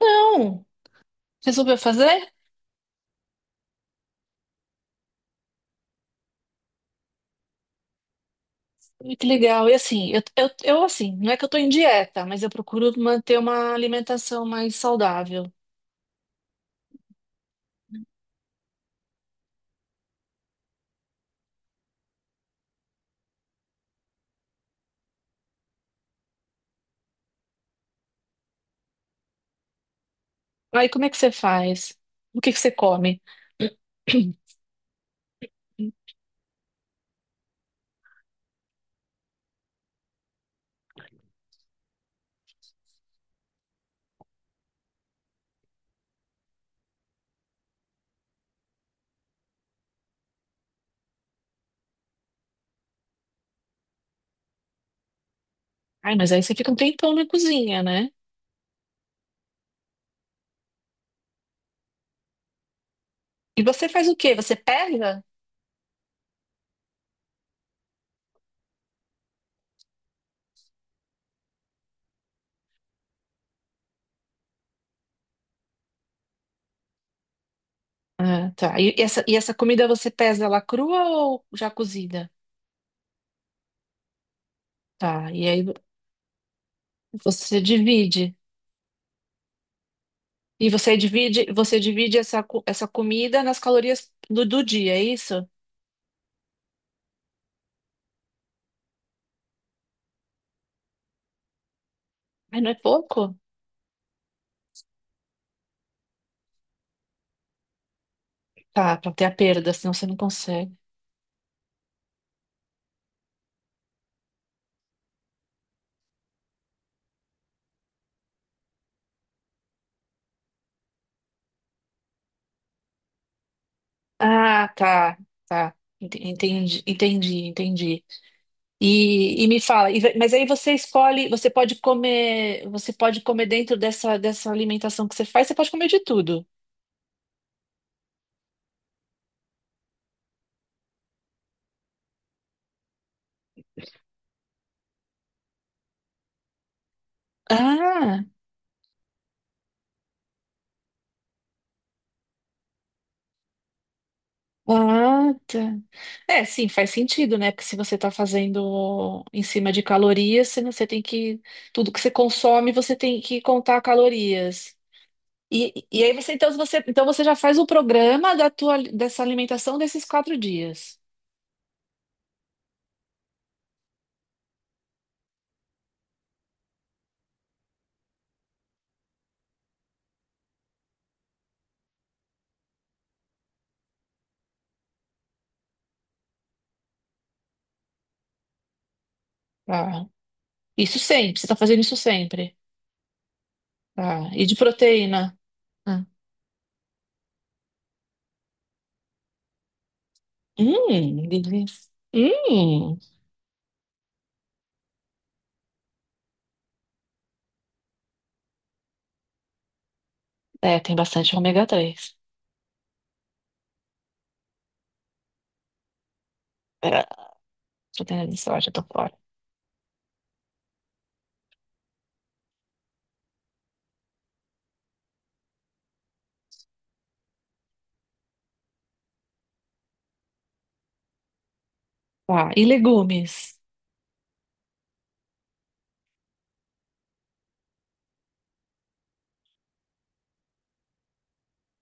Não, resolveu fazer? Ui, que legal. E assim, eu assim, não é que eu tô em dieta, mas eu procuro manter uma alimentação mais saudável. Aí como é que você faz? O que que você come? Ai, mas aí você fica um tempão na cozinha, né? E você faz o quê? Você pesa? Ah, tá. E essa comida você pesa ela crua ou já cozida? Tá. E aí você divide. E você divide essa comida nas calorias do dia, é isso? Mas não é pouco? Tá, pra ter a perda, senão você não consegue. Ah, tá, tá. Entendi, entendi, entendi. E me fala, mas aí você escolhe, você pode comer dentro dessa alimentação que você faz, você pode comer de tudo. Ah, ah, tá. É, sim, faz sentido, né? Porque se você está fazendo em cima de calorias, você, você tem que. Tudo que você consome, você tem que contar calorias. E aí você então, você, então você já faz o programa da tua, dessa alimentação desses 4 dias. Tá. Isso sempre, você está fazendo isso sempre. Tá. E de proteína? Ah. Delícia. Hum. É, tem bastante ômega 3. É, proteína de soja, tô fora. Tá. E legumes?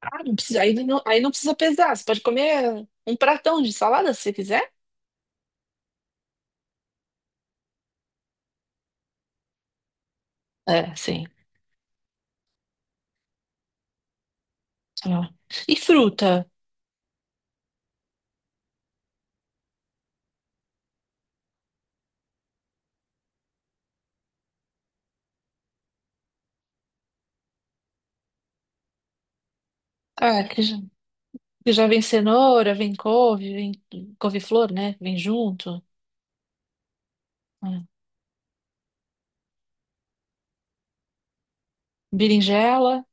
Ah, não precisa, aí não precisa pesar. Você pode comer um pratão de salada se você quiser. É, sim. Ah. E fruta? Ah, que já vem cenoura, vem couve, vem couve-flor, né? Vem junto. Ah. Berinjela.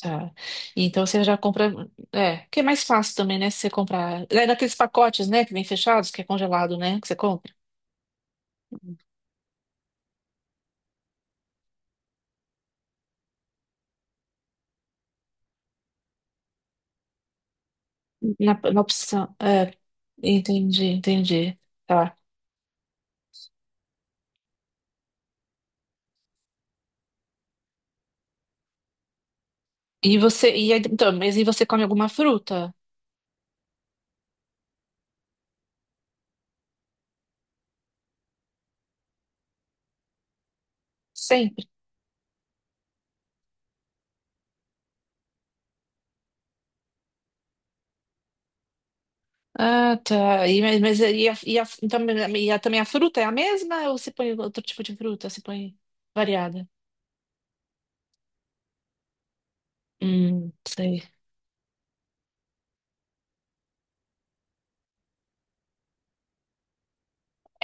Tá. E então você já compra. É, que é mais fácil também, né? Se você comprar. É naqueles pacotes, né? Que vem fechados, que é congelado, né? Que você compra. Na opção. É, entendi, entendi. Tá. E você. E aí, então, mas e você come alguma fruta? Sempre. Ah, tá. E, mas então, também a fruta é a mesma ou você põe outro tipo de fruta? Você põe variada? Sei.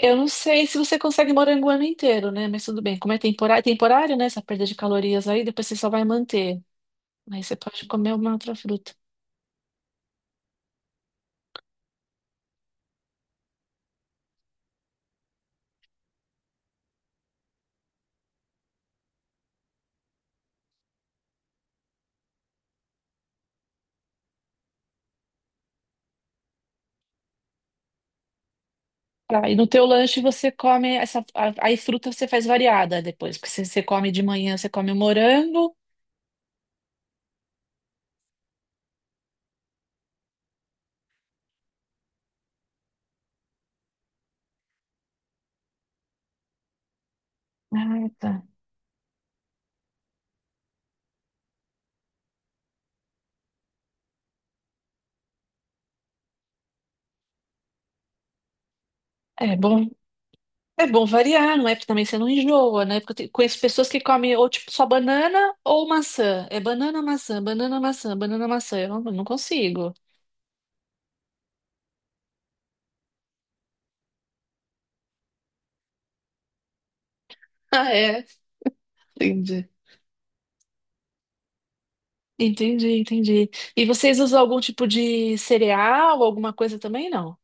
Eu não sei se você consegue morango o ano inteiro, né? Mas tudo bem. Como é temporário, temporário, né? Essa perda de calorias aí, depois você só vai manter. Aí você pode comer uma outra fruta. Tá, e no teu lanche você come aí fruta você faz variada depois, porque você, você come de manhã, você come o morango. Ah, tá. É bom. É bom variar, não é? Porque também você não enjoa, né? Porque conheço pessoas que comem ou tipo só banana ou maçã. É banana, maçã, banana, maçã, banana, maçã. Eu não, consigo. Ah, é. Entendi. Entendi, entendi. E vocês usam algum tipo de cereal, alguma coisa também? Não.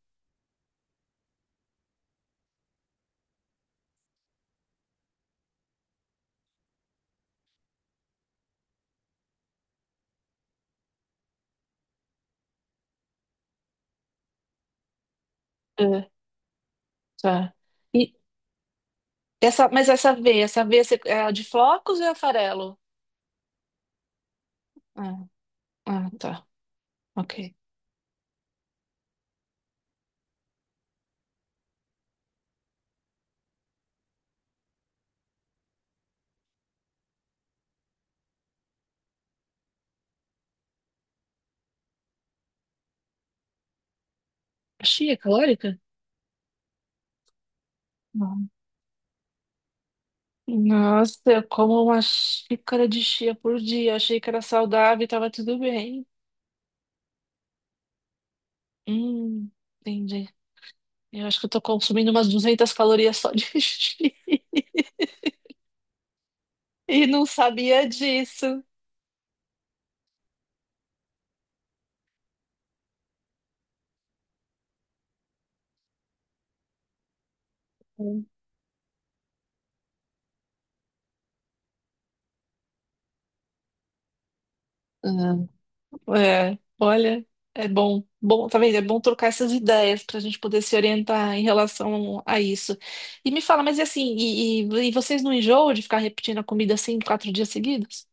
É, tá. E essa, mas essa aveia, é a de flocos ou é a farelo? Ah, ah, tá. Ok. Chia calórica? Nossa, eu como uma xícara de chia por dia. Achei que era saudável e tava tudo bem. Hum, entendi. Eu acho que eu tô consumindo umas 200 calorias só de chia. E não sabia disso. Hum. Ah, é, olha, é bom. Bom, tá vendo? É bom trocar essas ideias pra gente poder se orientar em relação a isso. E me fala, mas e assim, e vocês não enjoam de ficar repetindo a comida assim 4 dias seguidos?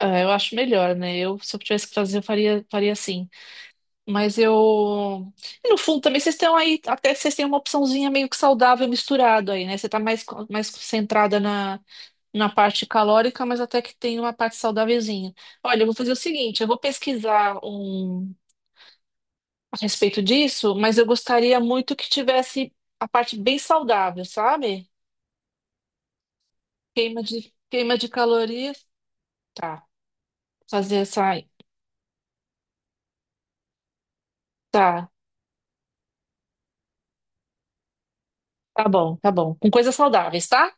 Ah, eu acho melhor, né? Eu, se eu tivesse que fazer, eu faria, faria assim. Mas eu. E no fundo, também vocês estão aí, até vocês têm uma opçãozinha meio que saudável misturado aí, né? Você tá mais, mais concentrada na, na parte calórica, mas até que tem uma parte saudávelzinha. Olha, eu vou fazer o seguinte: eu vou pesquisar um a respeito disso, mas eu gostaria muito que tivesse a parte bem saudável, sabe? Queima de calorias. Tá, fazer essa. Tá, tá bom, tá bom. Com coisas saudáveis, tá?